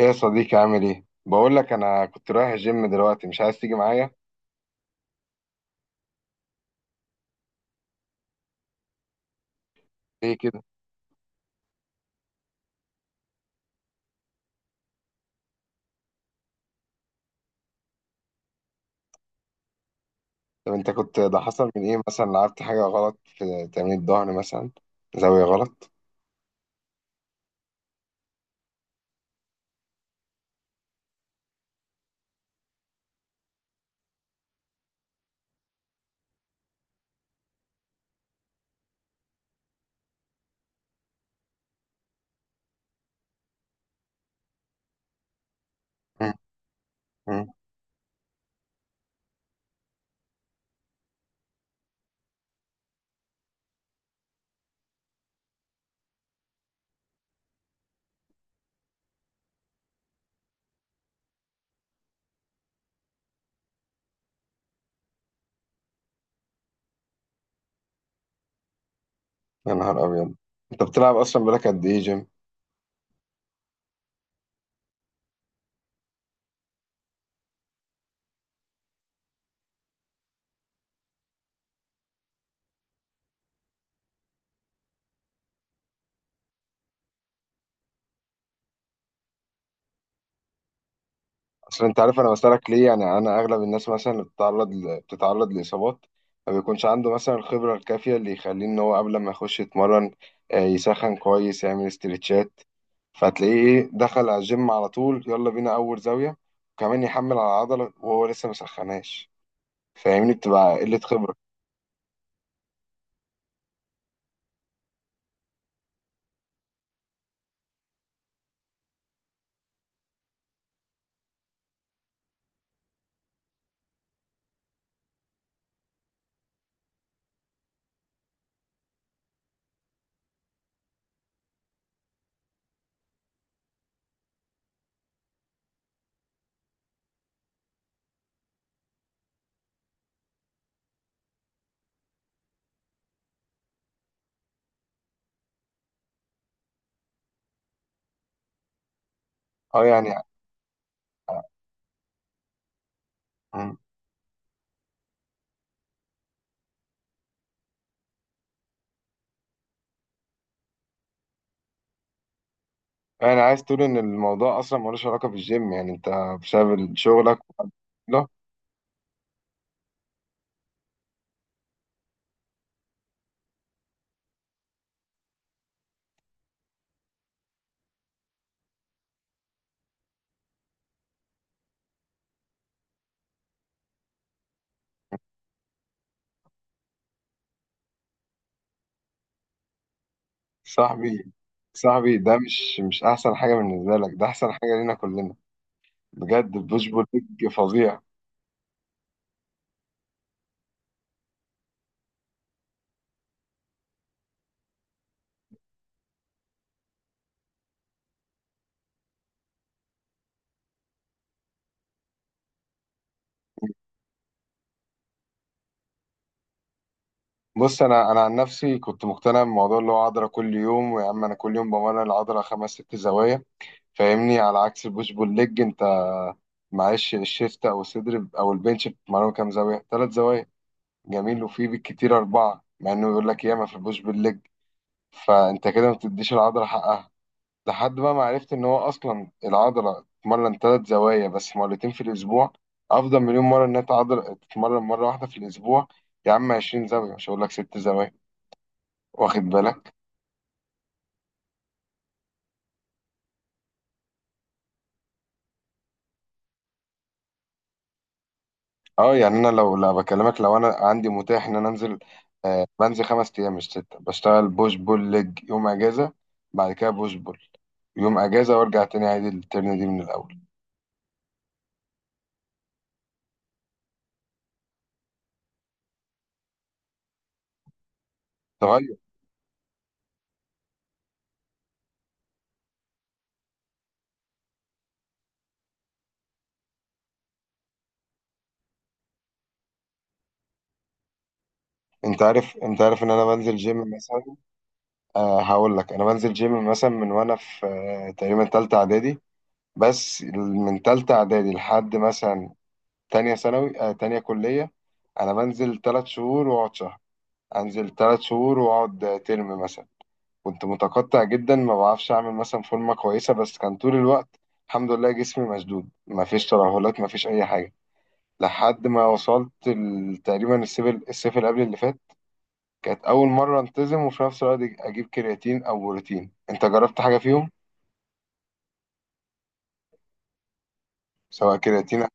ايه يا صديقي عامل ايه؟ بقول لك انا كنت رايح الجيم دلوقتي مش عايز تيجي معايا؟ ليه كده؟ طب انت كنت ده حصل من ايه مثلا لعبت حاجة غلط في تمرين الظهر مثلا؟ زاوية غلط؟ مم. مم. يا نهار ابيض. انت بتلعب اصلا بقالك قد ايه جيم؟ اصل انت عارف انا بسألك ليه، يعني انا اغلب الناس مثلا اللي بتتعرض لاصابات ما بيكونش عنده مثلا الخبره الكافيه اللي يخليه ان هو قبل ما يخش يتمرن يسخن كويس يعمل استرتشات، فتلاقيه ايه دخل على الجيم على طول يلا بينا اول زاويه وكمان يحمل على العضله وهو لسه ما سخناش. فاهمني؟ بتبقى قله خبره. اه يعني. مم. يعني عايز تقول ان الموضوع اصلا ملوش علاقه بالجيم، يعني انت بسبب شغلك؟ صاحبي، صاحبي ده مش احسن حاجه بالنسبه لك، ده احسن حاجه لينا كلنا بجد. البوش بول ليج فظيع. بص انا عن نفسي كنت مقتنع بموضوع اللي هو عضله كل يوم. ويا عم انا كل يوم بمرن العضله خمس ست زوايا. فاهمني؟ على عكس البوش بول ليج، انت معلش الشيست او الصدر او البنش بتمرنه كام زاويه؟ ثلاث زوايا، جميل، وفي بالكتير اربعه، مع انه يقول لك ياما في البوش بول ليج. فانت كده ما بتديش العضله حقها. لحد بقى ما عرفت ان هو اصلا العضله تتمرن ثلاث زوايا بس مرتين في الاسبوع، افضل مليون مره انها عضله تتمرن مره واحده في الاسبوع. يا عم 20 زاويه مش هقول لك ست زوايا. واخد بالك؟ اه يعني، انا لو لا بكلمك لو انا عندي متاح ان انا انزل، بنزل خمس ايام مش سته. بشتغل بوش بول ليج، يوم اجازه، بعد كده بوش بول، يوم اجازه، وارجع تاني عادي الترن دي من الاول. تغير. انت عارف، انت عارف ان انا بنزل جيم مثلا؟ هقول لك، انا بنزل جيم مثلا من وانا في تقريبا تالتة اعدادي. بس من تالتة اعدادي لحد مثلا تانية ثانوي، تانية كلية، انا بنزل تلات شهور واقعد شهر، انزل تلات شهور واقعد ترم مثلا. كنت متقطع جدا، ما بعرفش اعمل مثلا فورمة كويسة، بس كان طول الوقت الحمد لله جسمي مشدود، ما فيش ترهلات ما فيش اي حاجة. لحد ما وصلت تقريبا الصيف، الصيف اللي قبل اللي فات، كانت أول مرة أنتظم، وفي نفس الوقت أجيب كرياتين أو بروتين. أنت جربت حاجة فيهم؟ سواء كرياتين أو.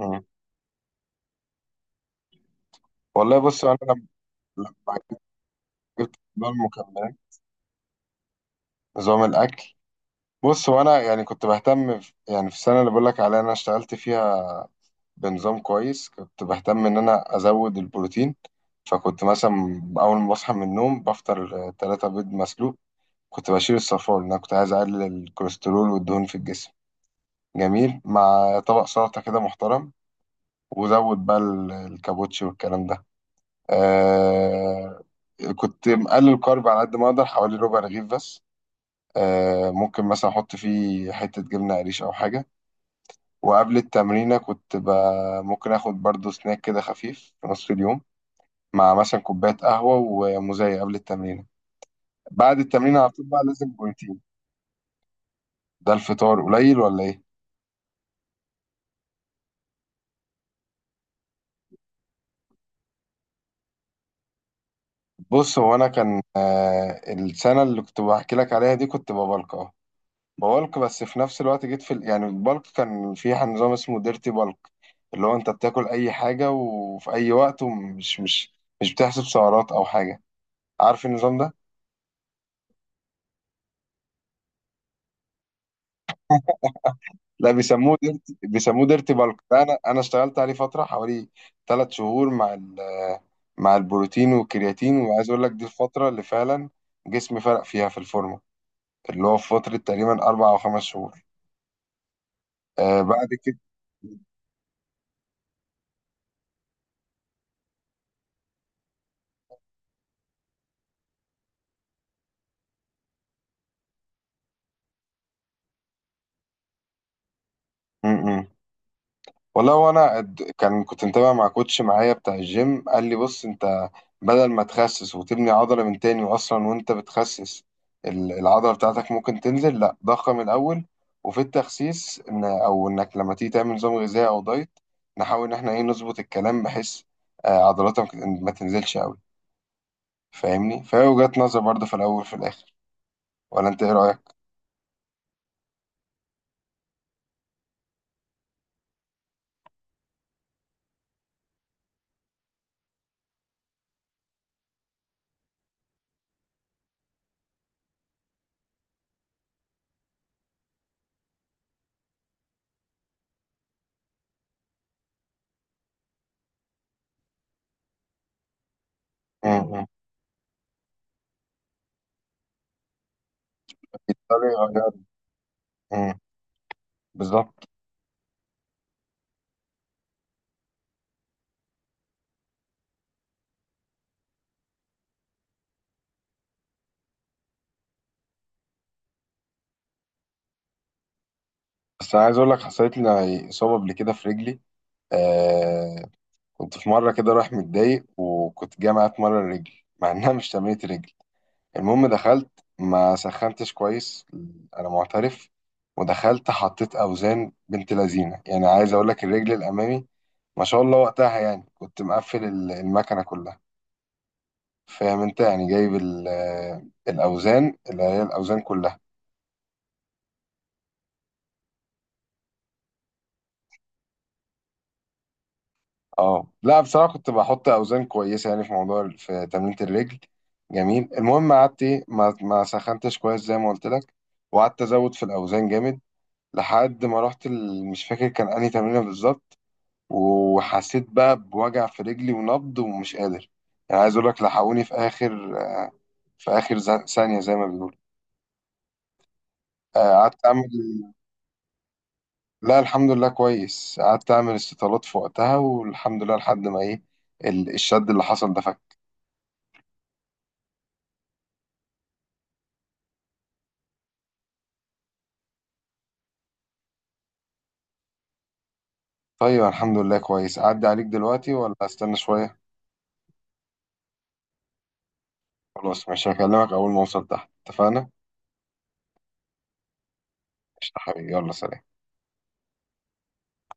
مم. والله بص أنا لما جبت نظام المكملات، نظام الأكل، بص، وأنا يعني كنت بهتم يعني في السنة اللي بقول لك عليها أنا اشتغلت فيها بنظام كويس، كنت بهتم إن أنا أزود البروتين. فكنت مثلا أول ما بصحى من النوم بفطر تلاتة بيض مسلوق، كنت بشيل الصفار لأن أنا كنت عايز أقلل الكوليسترول والدهون في الجسم، جميل، مع طبق سلطة كده محترم، وزود بقى الكابوتشي والكلام ده. آه كنت مقلل الكارب على قد ما اقدر، حوالي ربع رغيف بس، ممكن مثلا احط فيه حتة جبنة قريش او حاجة. وقبل التمرينة كنت ممكن اخد برضو سناك كده خفيف في نص اليوم، مع مثلا كوباية قهوة ومزايا قبل التمرينة. بعد التمرينة على طول بقى لازم بروتين. ده الفطار قليل ولا ايه؟ بص هو انا كان، السنة اللي كنت بحكي لك عليها دي كنت ببلك، اه، بولك، بس في نفس الوقت جيت يعني البلك كان في نظام اسمه ديرتي بلك، اللي هو انت بتاكل اي حاجه وفي اي وقت، ومش مش مش بتحسب سعرات او حاجه. عارف النظام ده؟ لا، بيسموه ديرتي، بيسموه ديرتي بلك ده. انا اشتغلت عليه فتره حوالي ثلاث شهور مع البروتين والكرياتين. وعايز اقول لك دي الفتره اللي فعلا جسمي فرق فيها في الفورمه، اللي هو في فتره تقريبا اربع او خمس شهور. بعد كده. م -م. والله وانا كنت متابع مع كوتش معايا بتاع الجيم، قال لي بص انت، بدل ما تخسس وتبني عضلة من تاني، واصلا وانت بتخسس العضلة بتاعتك ممكن تنزل، لا ضخم الاول، وفي التخسيس ان او انك لما تيجي تعمل نظام غذائي او دايت نحاول ان احنا ايه نظبط الكلام بحيث عضلاتك ما تنزلش قوي. فاهمني؟ فهي وجهة نظر برضه، في الاول في الاخر. ولا انت ايه رأيك؟ امم بالظبط. بس انا عايز اقول لك حصلت لي اصابة قبل كده في رجلي، آه، كنت في مرة كده رايح متضايق وكنت جاي معايا اتمرن رجل مع انها مش تمرينة رجل. المهم دخلت، ما سخنتش كويس، انا معترف، ودخلت حطيت اوزان بنت لذينه، يعني عايز اقول لك الرجل الامامي ما شاء الله وقتها، يعني كنت مقفل المكنة كلها. فاهم انت؟ يعني جايب الاوزان، اللي هي الاوزان كلها. اه لا بصراحة كنت بحط أوزان كويسة يعني في موضوع، في تمرينة الرجل. جميل، المهم قعدت إيه، ما سخنتش كويس زي ما قلت لك، وقعدت أزود في الأوزان جامد، لحد ما رحت مش فاكر كان أنهي تمرينة بالظبط، وحسيت بقى بوجع في رجلي ونبض ومش قادر. يعني عايز أقول لك لحقوني في آخر في آخر ثانية زي ما بيقولوا. قعدت أعمل، لا الحمد لله كويس، قعدت أعمل استطالات في وقتها والحمد لله لحد ما إيه، الشد اللي حصل ده. ايوه الحمد لله كويس. اعدي عليك دلوقتي ولا استنى شويه؟ خلاص ماشي، هكلمك اول ما اوصل تحت. اتفقنا؟ قشطة حبيبي، يلا سلام.